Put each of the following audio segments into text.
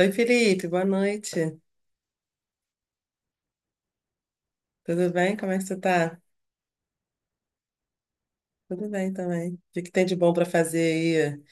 Oi, Felipe, boa noite. Tudo bem? Como é que você tá? Tudo bem também. O que que tem de bom para fazer aí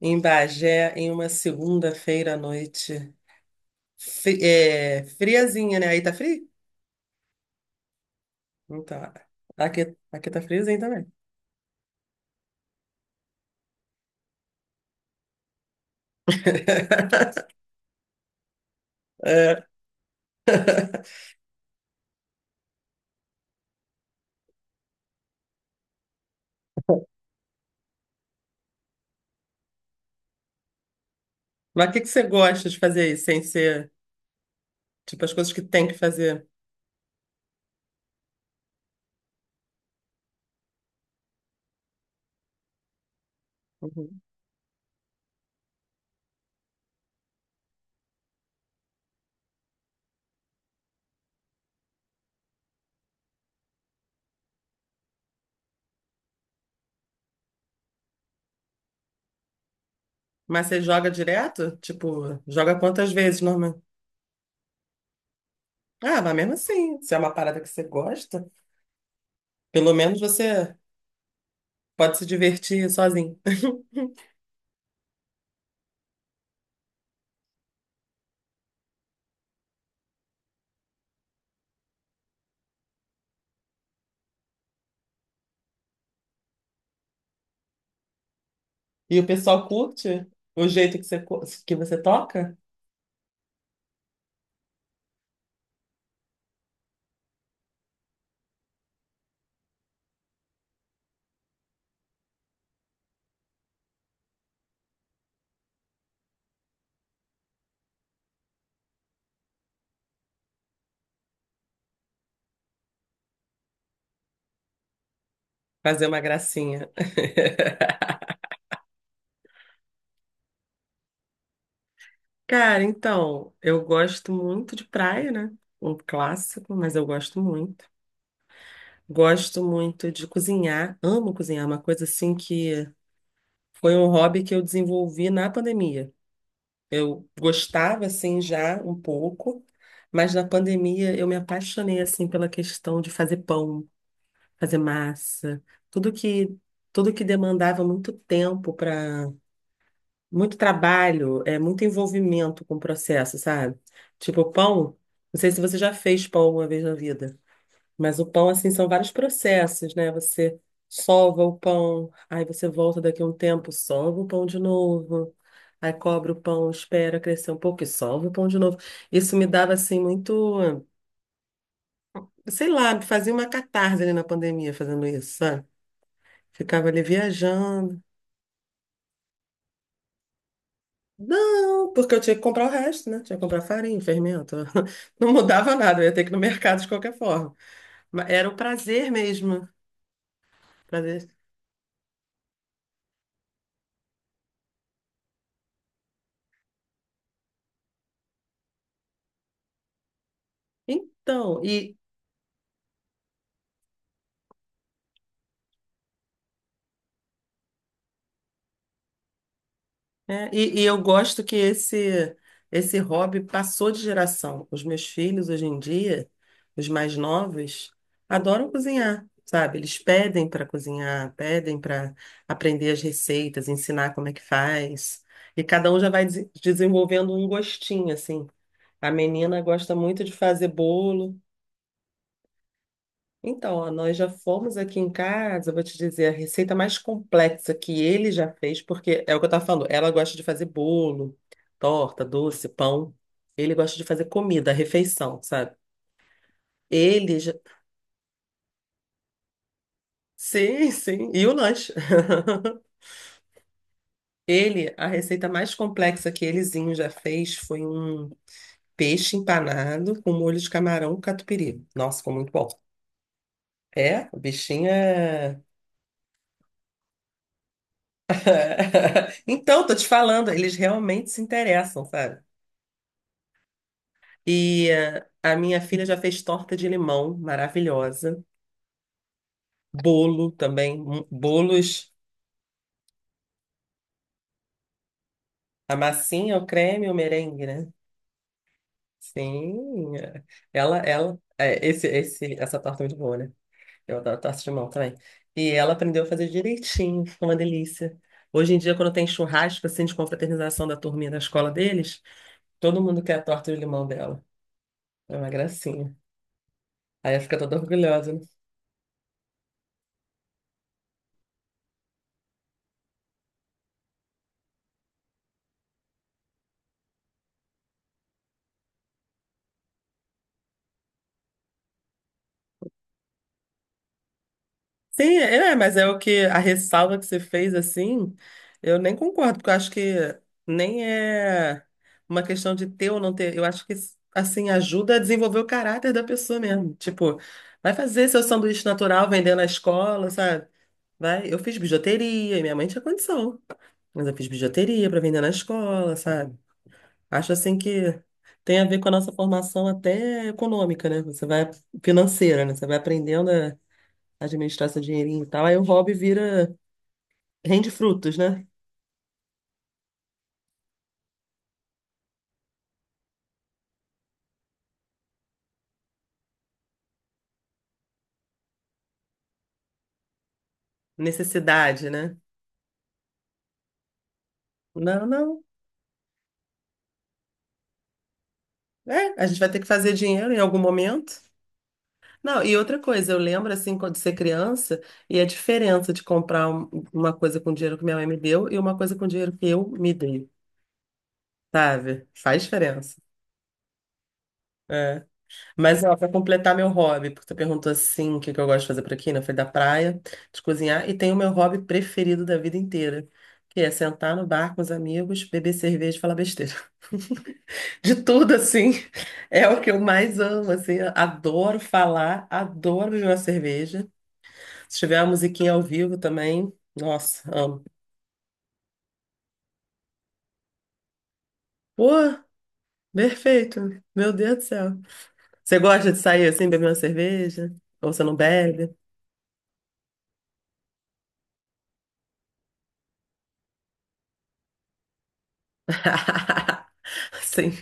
em Bagé em uma segunda-feira à noite? Friazinha, né? Aí tá frio? Então, aqui tá friozinho também. É. Mas o que que você gosta de fazer aí, sem ser, tipo, as coisas que tem que fazer? Uhum. Mas você joga direto? Tipo, joga quantas vezes, normal? Ah, mas mesmo assim, se é uma parada que você gosta, pelo menos você pode se divertir sozinho. E o pessoal curte o jeito que que você toca? Fazer uma gracinha. Cara, então, eu gosto muito de praia, né? Um clássico, mas eu gosto muito. Gosto muito de cozinhar, amo cozinhar, uma coisa assim que foi um hobby que eu desenvolvi na pandemia. Eu gostava assim já um pouco, mas na pandemia eu me apaixonei assim pela questão de fazer pão, fazer massa, tudo que tudo que demandava muito tempo, para muito trabalho, é muito envolvimento com o processo, sabe? Tipo o pão, não sei se você já fez pão uma vez na vida, mas o pão assim são vários processos, né? Você sova o pão, aí você volta daqui a um tempo, sova o pão de novo. Aí cobre o pão, espera crescer um pouco e sova o pão de novo. Isso me dava assim muito, sei lá, fazia uma catarse ali na pandemia fazendo isso, sabe? Ficava ali viajando. Não, porque eu tinha que comprar o resto, né? Tinha que comprar farinha, fermento. Não mudava nada, eu ia ter que ir no mercado de qualquer forma. Mas era o prazer mesmo. Prazer. Então, e é, e eu gosto que esse hobby passou de geração. Os meus filhos hoje em dia, os mais novos, adoram cozinhar, sabe? Eles pedem para cozinhar, pedem para aprender as receitas, ensinar como é que faz. E cada um já vai desenvolvendo um gostinho, assim. A menina gosta muito de fazer bolo. Então, ó, nós já fomos aqui em casa, eu vou te dizer, a receita mais complexa que ele já fez, porque é o que eu estava falando, ela gosta de fazer bolo, torta, doce, pão. Ele gosta de fazer comida, refeição, sabe? Ele já... Sim, sim, e o lanche. Ele, a receita mais complexa que elezinho já fez foi um peixe empanado com molho de camarão catupiry. Nossa, ficou muito bom. É, o bichinho é... Então, tô te falando, eles realmente se interessam, sabe? E a minha filha já fez torta de limão, maravilhosa. Bolo também, bolos, a massinha, o creme, o merengue, né? Sim, eh, ela, eh, esse, essa torta é muito boa, né? Eu adoro torta de limão também. E ela aprendeu a fazer direitinho, ficou uma delícia. Hoje em dia, quando tem churrasco, assim, de confraternização da turminha da escola deles, todo mundo quer a torta de limão dela. É uma gracinha. Aí ela fica toda orgulhosa, né? Sim, é, é, mas é o que a ressalva que você fez assim, eu nem concordo, porque eu acho que nem é uma questão de ter ou não ter. Eu acho que assim ajuda a desenvolver o caráter da pessoa mesmo. Tipo, vai fazer seu sanduíche natural vendendo na escola, sabe? Vai, eu fiz bijuteria e minha mãe tinha condição, mas eu fiz bijuteria para vender na escola, sabe? Acho assim que tem a ver com a nossa formação até econômica, né? Você vai, financeira, né? Você vai aprendendo administrar seu dinheirinho e tal. Aí o hobby vira, rende frutos, né? Necessidade, né? Não, não. É, a gente vai ter que fazer dinheiro em algum momento. Não, e outra coisa, eu lembro assim, quando ser criança, e a diferença de comprar uma coisa com dinheiro que minha mãe me deu e uma coisa com dinheiro que eu me dei, sabe? Faz diferença. Mas, ó, pra completar meu hobby, porque tu perguntou assim, o que que eu gosto de fazer por aqui, né? Foi da praia, de cozinhar, e tem o meu hobby preferido da vida inteira, que é sentar no bar com os amigos, beber cerveja e falar besteira. De tudo, assim, é o que eu mais amo, assim, adoro falar, adoro beber uma cerveja. Se tiver uma musiquinha ao vivo também, nossa, amo. Pô, perfeito, meu Deus do céu. Você gosta de sair assim, beber uma cerveja? Ou você não bebe? Sim.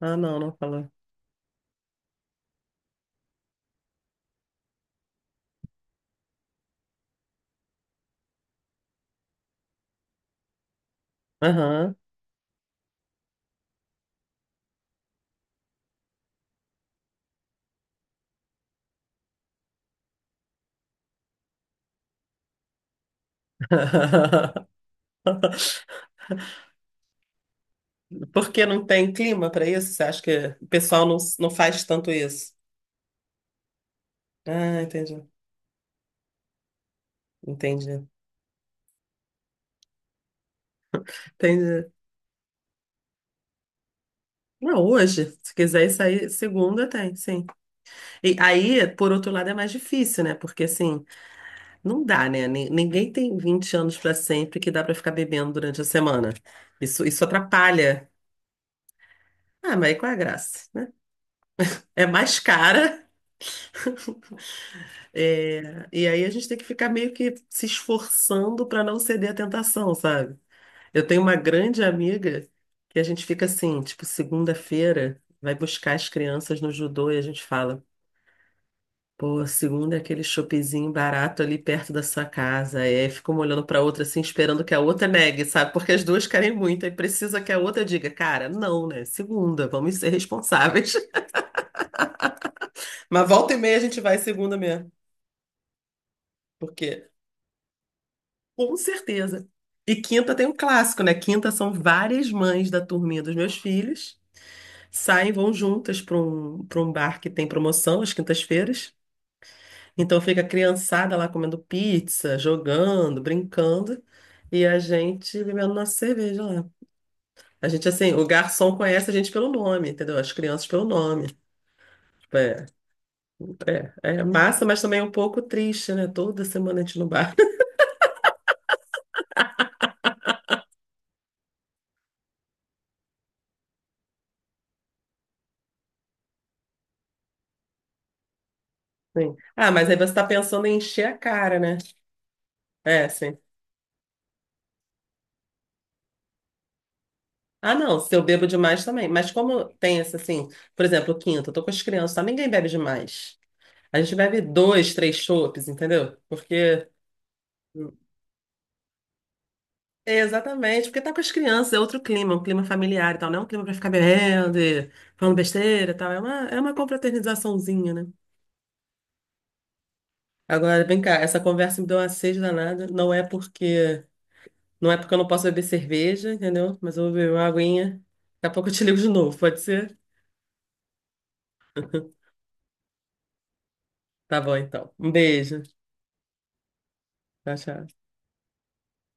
Ah, não, não falou. Aham. Porque não tem clima para isso? Você acha que o pessoal não faz tanto isso? Ah, entendi. Entendi. Entendi. Não, hoje, se quiser sair segunda, tem, sim. E aí, por outro lado, é mais difícil, né? Porque assim, não dá, né? Ninguém tem 20 anos pra sempre que dá pra ficar bebendo durante a semana. Isso atrapalha. Ah, mas aí qual é a graça, né? É mais cara, é, e aí a gente tem que ficar meio que se esforçando pra não ceder à tentação, sabe? Eu tenho uma grande amiga que a gente fica assim, tipo, segunda-feira vai buscar as crianças no judô e a gente fala. Pô, segunda é aquele shoppingzinho barato ali perto da sua casa. E aí fica uma olhando pra outra assim, esperando que a outra negue, sabe? Porque as duas querem muito. Aí precisa que a outra diga, cara, não, né? Segunda, vamos ser responsáveis. Mas volta e meia a gente vai segunda mesmo. Porque, com certeza. E quinta tem um clássico, né? Quinta são várias mães da turminha dos meus filhos. Saem, vão juntas para um bar que tem promoção às quintas-feiras. Então fica a criançada lá comendo pizza, jogando, brincando, e a gente bebendo nossa cerveja lá. A gente, assim, o garçom conhece a gente pelo nome, entendeu? As crianças pelo nome. Tipo, é, é, é massa, mas também é um pouco triste, né? Toda semana a gente no bar. Sim. Ah, mas aí você tá pensando em encher a cara, né? É, sim. Ah, não, se eu bebo demais também. Mas como tem esse, assim, por exemplo, quinta, eu tô com as crianças, tá? Ninguém bebe demais. A gente bebe dois, três chopes, entendeu? Porque... É, exatamente, porque tá com as crianças, é outro clima, um clima familiar e tal, não é um clima pra ficar bebendo e falando besteira e tal, é uma confraternizaçãozinha, né? Agora, vem cá, essa conversa me deu uma sede danada, não é porque eu não posso beber cerveja, entendeu? Mas eu vou beber uma aguinha, daqui a pouco eu te ligo de novo, pode ser? Tá bom, então. Um beijo. Tchau, tchau.